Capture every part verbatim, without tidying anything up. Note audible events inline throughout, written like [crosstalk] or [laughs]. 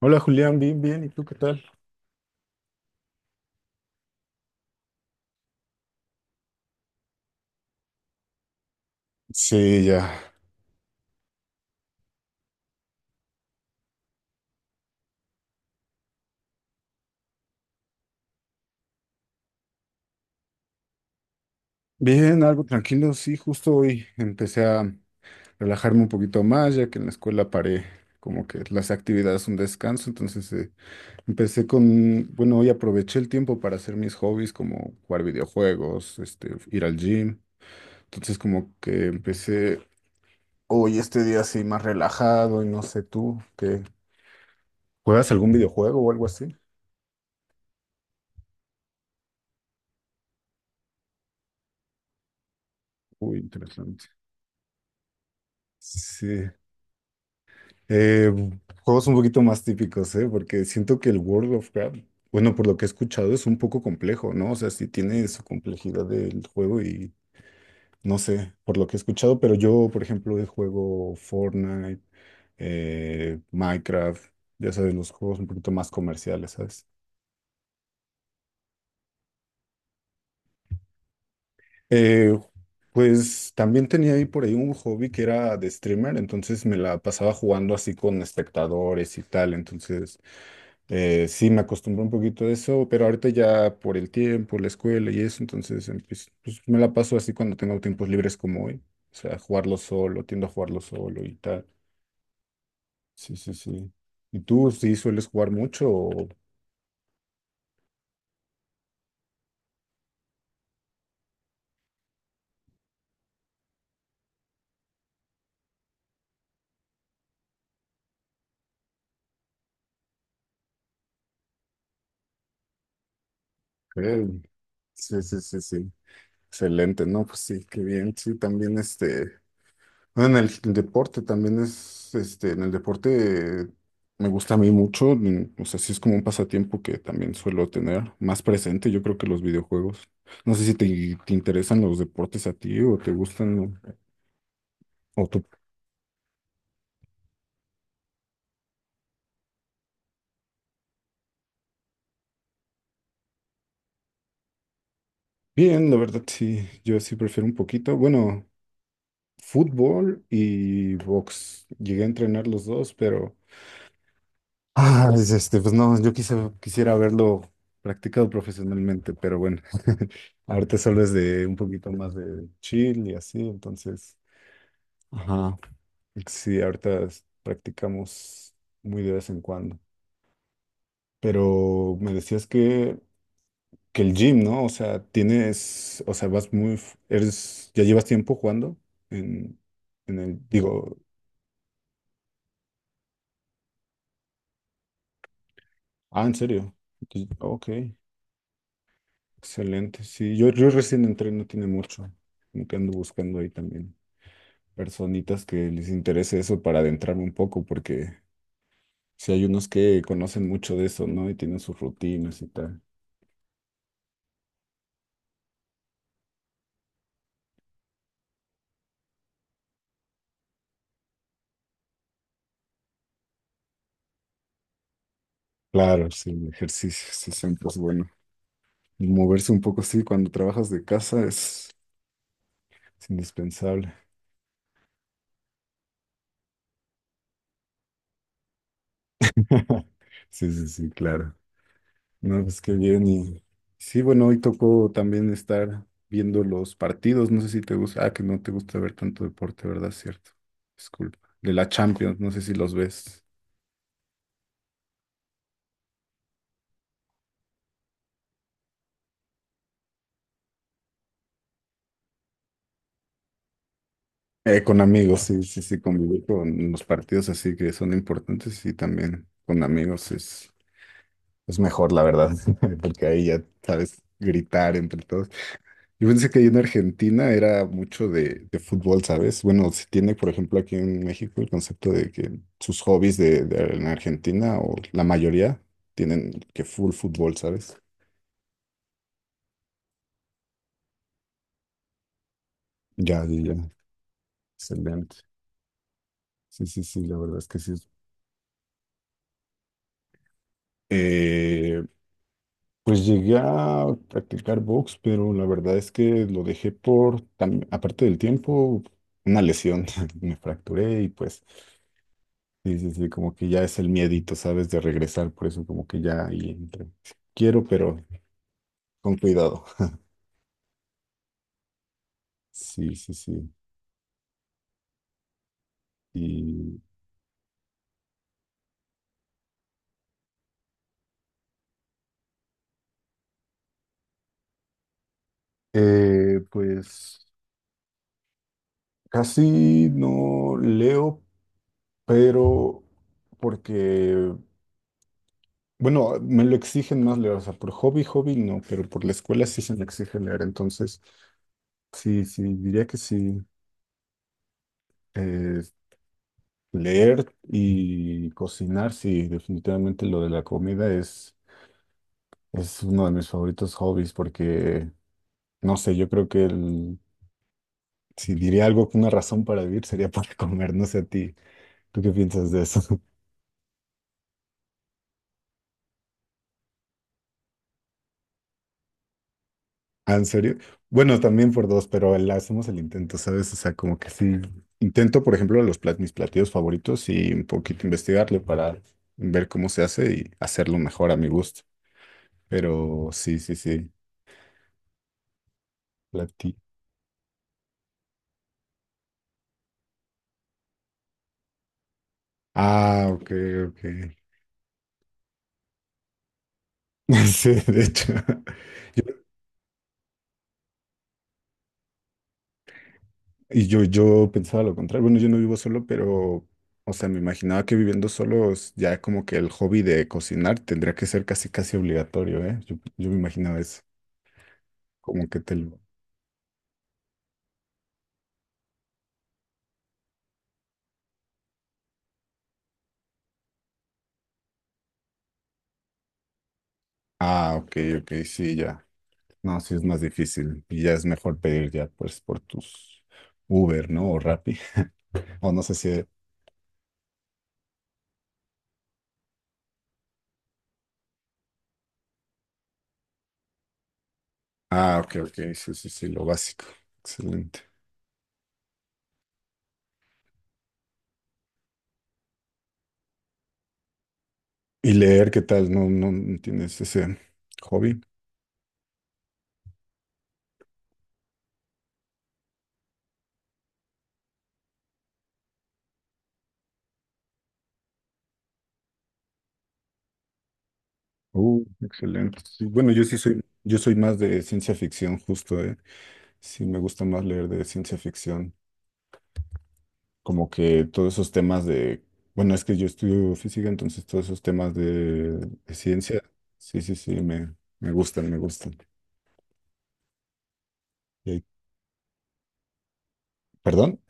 Hola Julián, bien, bien, ¿y tú qué tal? Sí, ya. Bien, algo tranquilo, sí, justo hoy empecé a relajarme un poquito más, ya que en la escuela paré como que las actividades son descanso, entonces eh, empecé con, bueno, hoy aproveché el tiempo para hacer mis hobbies como jugar videojuegos, este, ir al gym, entonces como que empecé hoy este día así más relajado y no sé tú, ¿qué? ¿Juegas algún videojuego o algo así? Uy, interesante. Sí. Eh, juegos un poquito más típicos, ¿eh? Porque siento que el World of Warcraft, bueno, por lo que he escuchado, es un poco complejo, ¿no? O sea, sí tiene su complejidad del juego y no sé, por lo que he escuchado, pero yo, por ejemplo, juego Fortnite, eh, Minecraft, ya sabes, los juegos un poquito más comerciales, ¿sabes? Eh, pues también tenía ahí por ahí un hobby que era de streamer, entonces me la pasaba jugando así con espectadores y tal, entonces... Eh, sí, me acostumbré un poquito a eso, pero ahorita ya por el tiempo, la escuela y eso, entonces empiezo- pues, pues, me la paso así cuando tengo tiempos libres como hoy. O sea, jugarlo solo, tiendo a jugarlo solo y tal. Sí, sí, sí. ¿Y tú sí sueles jugar mucho? ¿O qué? Sí, sí, sí, sí. Excelente, ¿no? Pues sí, qué bien. Sí, también este. Bueno, en el, el deporte también es, este, en el deporte eh, me gusta a mí mucho, mm, o sea, sí es como un pasatiempo que también suelo tener más presente, yo creo que los videojuegos. No sé si te, te interesan los deportes a ti o te gustan o, o tú. Bien, la verdad sí, yo sí prefiero un poquito, bueno, fútbol y box. Llegué a entrenar los dos, pero ah, pues, este, pues no, yo quise, quisiera haberlo practicado profesionalmente, pero bueno, [laughs] ahorita solo es de un poquito más de chill y así, entonces, ajá, sí, ahorita es- practicamos muy de vez en cuando. Pero me decías que, que el gym, ¿no? O sea, tienes, o sea, vas muy, f- eres, ya llevas tiempo jugando en, en el, digo, ah, ¿en serio? Entonces, ok. Excelente, sí. Yo, yo recién entré, no tiene mucho. Como que ando buscando ahí también personitas que les interese eso para adentrarme un poco, porque si hay unos que conocen mucho de eso, ¿no? Y tienen sus rutinas y tal. Claro, sí, el ejercicio, sí, siempre es bueno. Moverse un poco, sí, cuando trabajas de casa es, es indispensable. [laughs] Sí, sí, sí, claro. No, pues qué bien. Y sí, bueno, hoy tocó también estar viendo los partidos. No sé si te gusta. Ah, que no te gusta ver tanto deporte, ¿verdad? Cierto. Disculpa. De la Champions, no sé si los ves. Eh, con amigos, sí, sí, sí, convivir con los partidos así que son importantes y también con amigos es, es mejor, la verdad, [laughs] porque ahí ya sabes gritar entre todos. Yo pensé que ahí en Argentina era mucho de, de fútbol, ¿sabes? Bueno, se tiene, por ejemplo, aquí en México el concepto de que sus hobbies de, de- en Argentina, o la mayoría, tienen que full fútbol, ¿sabes? Ya, ya, ya. Excelente. Sí, sí, sí, la verdad es que sí. Eh, pues llegué a practicar box, pero la verdad es que lo dejé por, tam- aparte del tiempo, una lesión. [laughs] Me fracturé y pues. Sí, sí, sí, como que ya es el miedito, ¿sabes? De regresar, por eso como que ya ahí entra. Quiero, pero con cuidado. [laughs] Sí, sí, sí. Y eh, pues casi no leo, pero porque, bueno, me lo exigen más leer, o sea, por hobby, hobby no, pero por la escuela sí se me exige leer, entonces sí, sí, diría que sí. Eh, leer y cocinar, sí, definitivamente lo de la comida es... Es uno de mis favoritos hobbies porque, no sé, yo creo que el, si diría algo, una razón para vivir sería [laughs] para comer, no sé a ti. ¿Tú qué piensas de eso? [laughs] Ah, ¿en serio? Bueno, también por dos, pero le hacemos el intento, ¿sabes? O sea, como que sí. Intento, por ejemplo, los plat- mis platillos favoritos y un poquito investigarle para ver cómo se hace y hacerlo mejor a mi gusto. Pero sí, sí, sí. Platí. Ah, ok, ok. [laughs] Sí, de hecho. [laughs] Y yo, yo pensaba lo contrario. Bueno, yo no vivo solo, pero, o sea, me imaginaba que viviendo solo es ya como que el hobby de cocinar tendría que ser casi, casi obligatorio, ¿eh? Yo, yo me imaginaba eso, como que te lo... Ah, ok, ok, sí, ya. No, sí es más difícil y ya es mejor pedir ya, pues, por tus Uber, ¿no? O Rappi, [laughs] o no sé si... Ah, ok, ok, sí, sí, sí, lo básico. Excelente. ¿Y leer qué tal? ¿No, no, no tienes ese hobby? Uh, excelente. Sí, bueno, yo sí soy, yo soy más de ciencia ficción, justo, ¿eh? Sí, me gusta más leer de ciencia ficción. Como que todos esos temas de, bueno, es que yo estudio física, entonces todos esos temas de, de ciencia, sí, sí, sí, me, me gustan, me gustan. Y- perdón,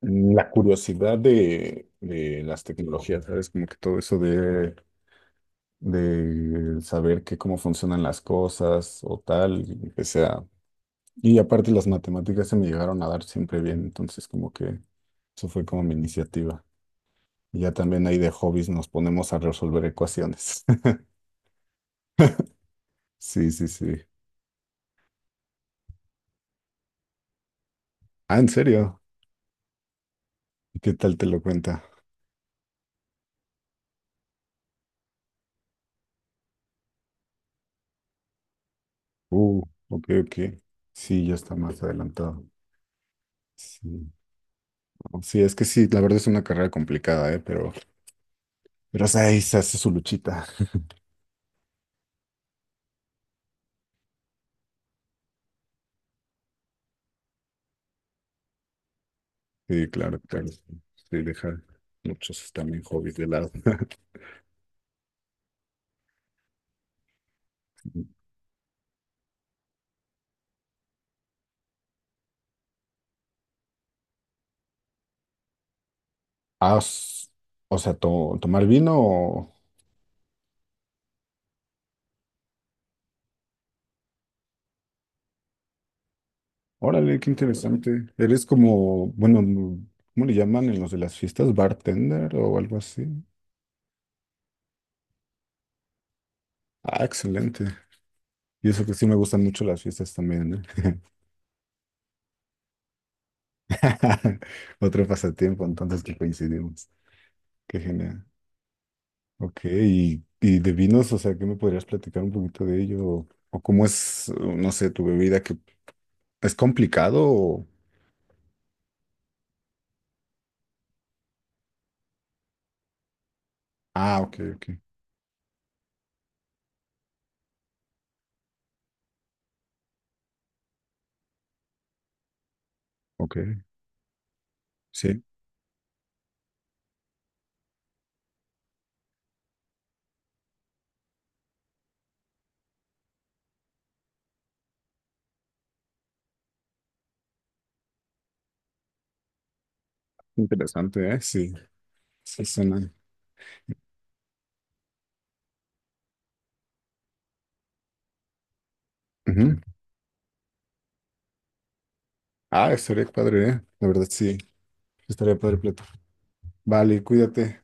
mm, la curiosidad de, de las tecnologías, ¿sabes? Como que todo eso de, de saber que cómo funcionan las cosas o tal, y empecé a y aparte las matemáticas se me llegaron a dar siempre bien, entonces como que eso fue como mi iniciativa. Y ya también ahí de hobbies nos ponemos a resolver ecuaciones. [laughs] Sí, sí, sí. Ah, ¿en serio? ¿Y qué tal te lo cuenta? Uh, ok, ok. Sí, ya está más adelantado. Sí. No, sí, es que sí, la verdad es una carrera complicada, ¿eh? Pero, pero o sea, ahí se hace su luchita. Sí, claro, claro. Sí, sí, deja muchos también hobbies de lado. [laughs] Ah, s- o sea, to- tomar vino órale, qué interesante. Eres como, bueno, no, ¿cómo le llaman en los de las fiestas? ¿Bartender o algo así? Ah, excelente. Y eso que sí me gustan mucho las fiestas también, ¿eh? [laughs] Otro pasatiempo, entonces que coincidimos. Qué genial. Ok, y, y de vinos, o sea, ¿qué me podrías platicar un poquito de ello? ¿O, o cómo es, o no sé, tu bebida? ¿Que es complicado? O ah, ok, ok, ok. Sí, interesante, ¿eh? Sí, sí suena. Ujú. Ah, estaría padre, ¿eh? La verdad, sí. Estaría padre el plato. Vale, cuídate.